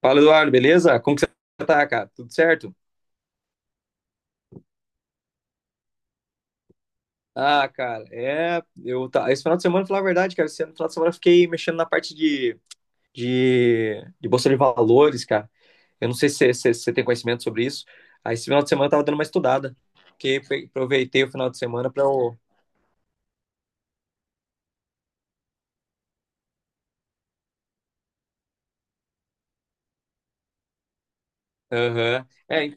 Fala, Eduardo, beleza? Como que você tá, cara? Tudo certo? Ah, cara, é. Eu tá. Esse final de semana, falar a verdade, cara, esse final de semana eu fiquei mexendo na parte de Bolsa de Valores, cara. Eu não sei se você tem conhecimento sobre isso. Aí esse final de semana eu tava dando uma estudada. Aproveitei o final de semana pra eu. Aham. É,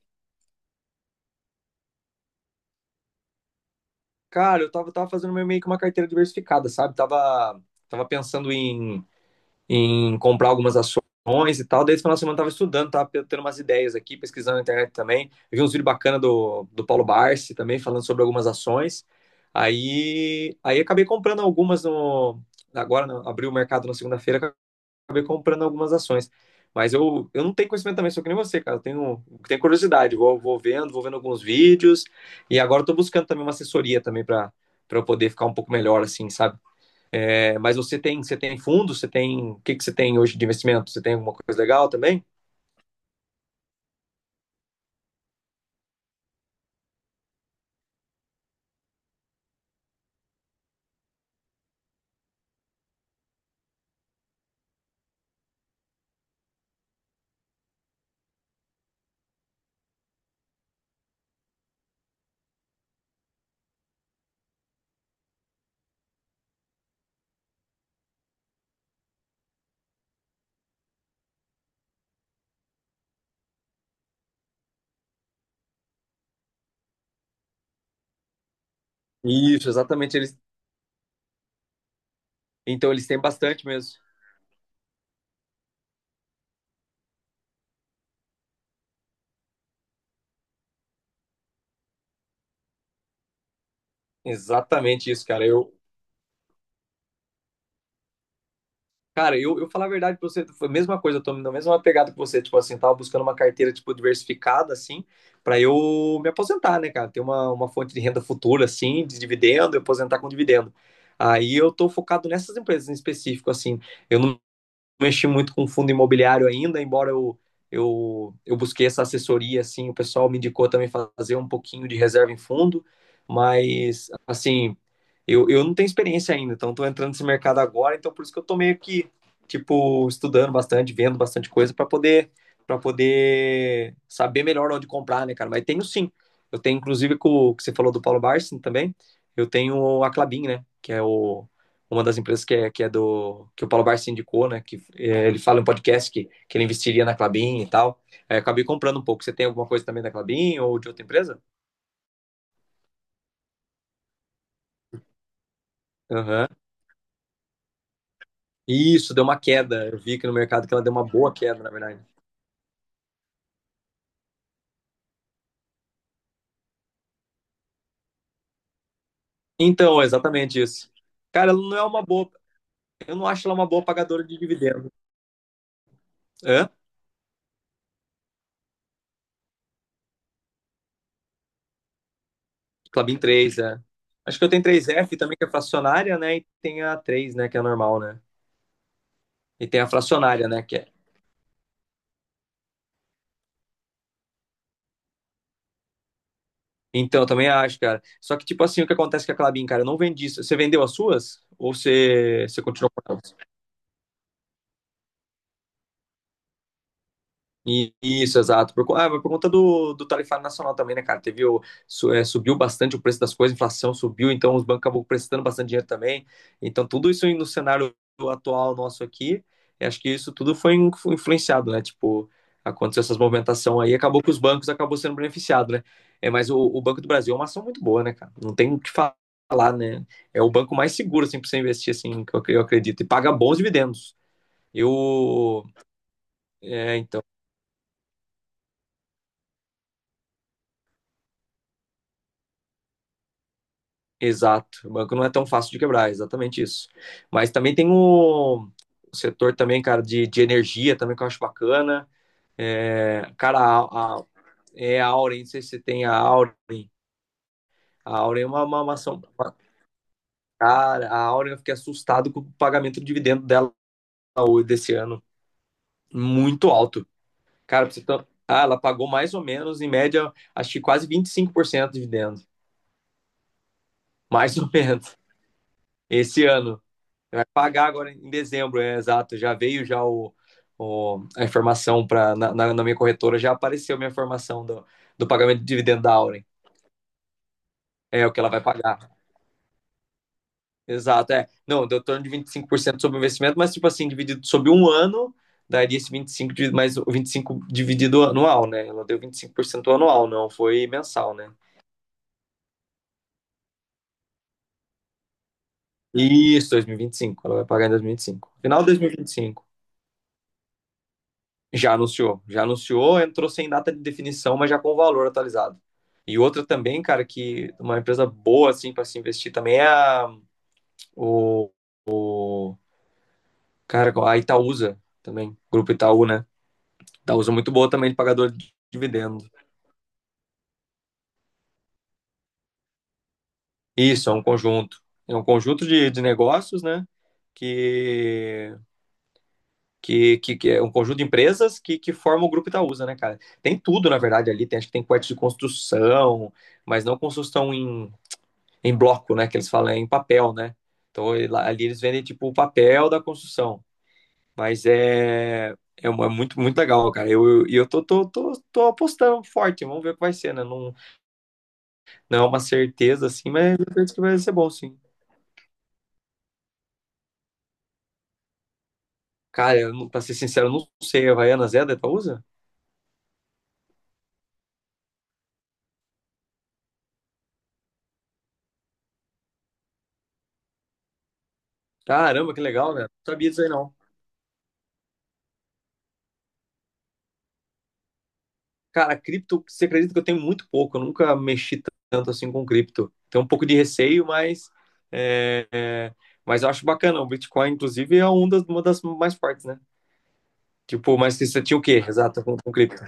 cara, eu tava fazendo meio que uma carteira diversificada, sabe? Tava pensando em comprar algumas ações e tal. Daí esse final de semana eu tava estudando, tava tendo umas ideias aqui, pesquisando na internet também. Eu vi uns vídeos bacanas do Paulo Barsi também, falando sobre algumas ações. Aí acabei comprando algumas no. Agora no, abriu o mercado na segunda-feira, acabei comprando algumas ações. Mas eu não tenho conhecimento também, sou que nem você, cara. Eu tenho curiosidade, vou vendo alguns vídeos. E agora eu tô buscando também uma assessoria também para eu poder ficar um pouco melhor, assim, sabe? É, mas você tem fundos o que que você tem hoje de investimento? Você tem alguma coisa legal também? Isso, exatamente. Então eles têm bastante mesmo. Exatamente isso, cara. Cara, eu falar a verdade pra você, foi a mesma coisa, eu tô na mesma pegada que você, tipo assim, tava buscando uma carteira, tipo, diversificada, assim, pra eu me aposentar, né, cara? Ter uma fonte de renda futura, assim, de dividendo, e aposentar com dividendo. Aí eu tô focado nessas empresas em específico, assim. Eu não mexi muito com fundo imobiliário ainda, embora eu busquei essa assessoria, assim, o pessoal me indicou também fazer um pouquinho de reserva em fundo, mas, assim, eu não tenho experiência ainda, então estou entrando nesse mercado agora, então por isso que eu tô meio que, tipo, estudando bastante, vendo bastante coisa para poder saber melhor onde comprar, né, cara? Mas tenho sim. Eu tenho, inclusive, com o que você falou do Paulo Barsi também, eu tenho a Klabin, né, que é uma das empresas que é do que o Paulo Barsi indicou, né? Ele fala em podcast que ele investiria na Clabin e tal. Aí acabei comprando um pouco. Você tem alguma coisa também da Clabin ou de outra empresa? Aham. Isso, deu uma queda. Eu vi aqui no mercado que ela deu uma boa queda, na verdade. Então, é exatamente isso. Cara, ela não é uma boa. Eu não acho ela uma boa pagadora de dividendo. Hã? Clabin 3 é. Acho que eu tenho três f também, que é fracionária, né? E tem a três, né? Que é normal, né? E tem a fracionária, né? Que é Então, eu também acho, cara. Só que, tipo assim, o que acontece com a Klabin, cara? Eu não vendi isso. Você vendeu as suas? Ou você continuou? Isso, exato. Por conta do tarifário nacional também, né, cara? Teve o, su- é, Subiu bastante o preço das coisas, a inflação subiu, então os bancos acabam prestando bastante dinheiro também. Então, tudo isso aí no cenário atual nosso aqui, eu acho que isso tudo foi influenciado, né? Tipo, aconteceu essas movimentação aí, acabou que os bancos acabou sendo beneficiados, né? É, mas o Banco do Brasil é uma ação muito boa, né, cara? Não tem o que falar, né? É o banco mais seguro, assim, pra você investir, assim, que eu acredito. E paga bons dividendos. Eu. É, então. Exato. O banco não é tão fácil de quebrar, é exatamente isso. Mas também tem o setor também, cara, de energia também que eu acho bacana. É, cara, é a Auren, não sei se você tem a Auren. A Auren é uma ação. Cara, a Auren eu fiquei assustado com o pagamento do dividendo dela hoje desse ano. Muito alto. Cara, pra você ter- ah, ela pagou mais ou menos, em média, acho que quase 25% de dividendo. Mais ou menos. Esse ano. Vai pagar agora em dezembro, é exato. Já veio já a informação para na minha corretora, já apareceu a minha informação do pagamento de dividendo da Auren. É o que ela vai pagar. Exato, é. Não, deu torno de 25% sobre o investimento, mas tipo assim, dividido sobre um ano, daria esse 25, mais o 25 dividido anual, né? Ela deu 25% anual, não foi mensal, né? Isso, 2025. Ela vai pagar em 2025. Final de 2025. Já anunciou, entrou sem data de definição, mas já com o valor atualizado. E outra também, cara, que uma empresa boa, assim, para se investir também é o, cara, a Itaúsa também, Grupo Itaú, né? Itaúsa é muito boa também de pagador de dividendo. Isso, é um conjunto. É um conjunto de negócios, né? Que, que é um conjunto de empresas que forma o Grupo Itaúsa, né, cara? Tem tudo, na verdade, ali. Tem, acho que tem parte de construção, mas não construção em bloco, né? Que eles falam é em papel, né? Então ali eles vendem tipo o papel da construção. Mas é muito, muito legal, cara. E eu tô apostando forte, vamos ver o que vai ser, né? Não, não é uma certeza assim, mas eu penso que vai ser bom, sim. Cara, eu, pra ser sincero, eu não sei. A Havaianas é da Itaúsa? Caramba, que legal, né? Não sabia disso aí, não. Cara, cripto, você acredita que eu tenho muito pouco? Eu nunca mexi tanto assim com cripto. Tenho um pouco de receio, é, é, mas eu acho bacana. O Bitcoin, inclusive, é uma das mais fortes, né? Tipo, mas você tinha o quê? Exato, com cripto.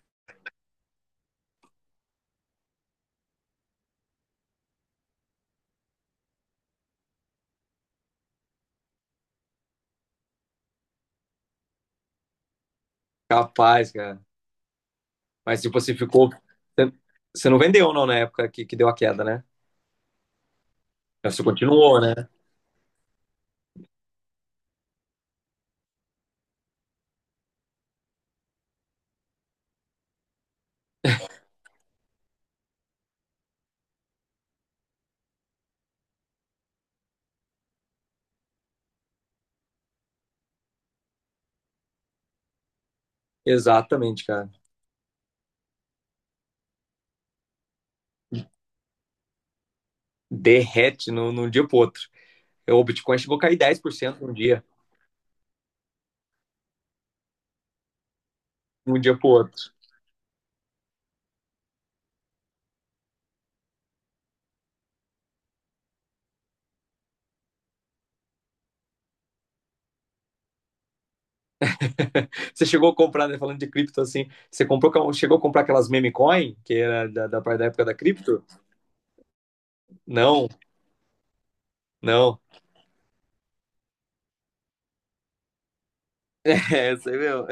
Capaz, cara. Mas tipo, você ficou. Você você não vendeu, não, na época que deu a queda, né? Você continuou, né? Exatamente, cara. Derrete num dia pro outro. O Bitcoin chegou a cair 10% num dia, de um dia pro outro. Você chegou a comprar, né, falando de cripto assim, você comprou, chegou a comprar aquelas meme coin, que era da época da cripto? Não, não. Essa, meu,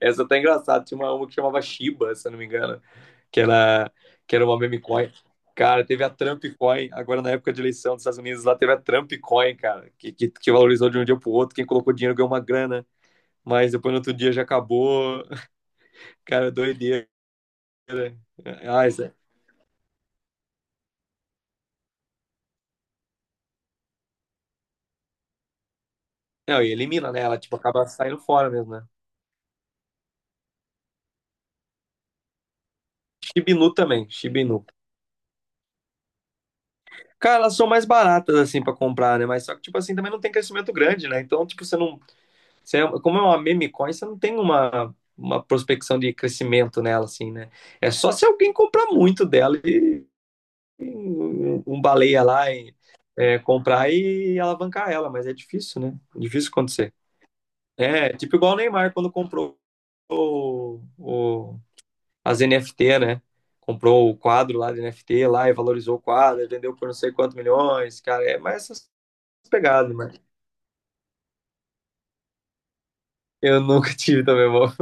essa tá engraçada. Tinha uma que chamava Shiba, se eu não me engano, que era, que era uma meme coin. Cara, teve a Trump Coin, agora na época de eleição dos Estados Unidos, lá teve a Trump Coin, cara, que valorizou de um dia pro outro. Quem colocou dinheiro ganhou uma grana, mas depois no outro dia já acabou. Cara, doideira. Ah, isso é- Não, e elimina, né? Ela, tipo, acaba saindo fora mesmo, né? Shibinu também, Shibinu. Cara, elas são mais baratas, assim, pra comprar, né? Mas só que, tipo assim, também não tem crescimento grande, né? Então, tipo, você não. Como é uma meme coin, você não tem uma prospecção de crescimento nela, assim, né? É só se alguém comprar muito dela e um baleia lá comprar e alavancar ela, mas é difícil, né? Difícil acontecer. É, tipo igual o Neymar quando comprou o, o, as NFT, né? Comprou o quadro lá de NFT lá e valorizou o quadro, vendeu por não sei quantos milhões, cara. É mais essas pegadas, mano. Eu nunca tive também, irmão.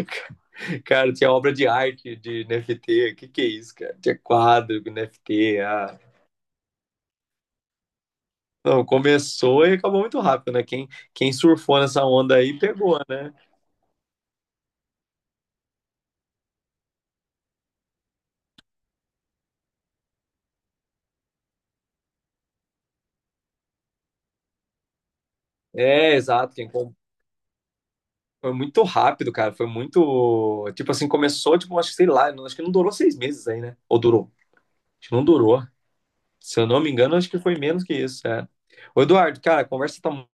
Cara, tinha obra de arte de NFT. Que é isso, cara? Tinha quadro de NFT. Ah. Não, começou e acabou muito rápido, né? Quem surfou nessa onda aí pegou, né? É, exato. Foi muito rápido, cara. Foi muito. Tipo assim, começou, tipo, acho que sei lá, acho que não durou 6 meses aí, né? Ou durou? Acho que não durou. Se eu não me engano, acho que foi menos que isso, é. Ô, Eduardo, cara, a conversa tá mu-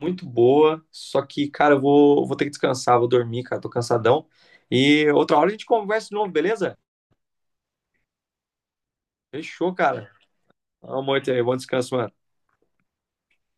muito boa, só que, cara, eu vou ter que descansar, vou dormir, cara, tô cansadão. E outra hora a gente conversa de novo, beleza? Fechou, cara. Amor, bom descanso, mano.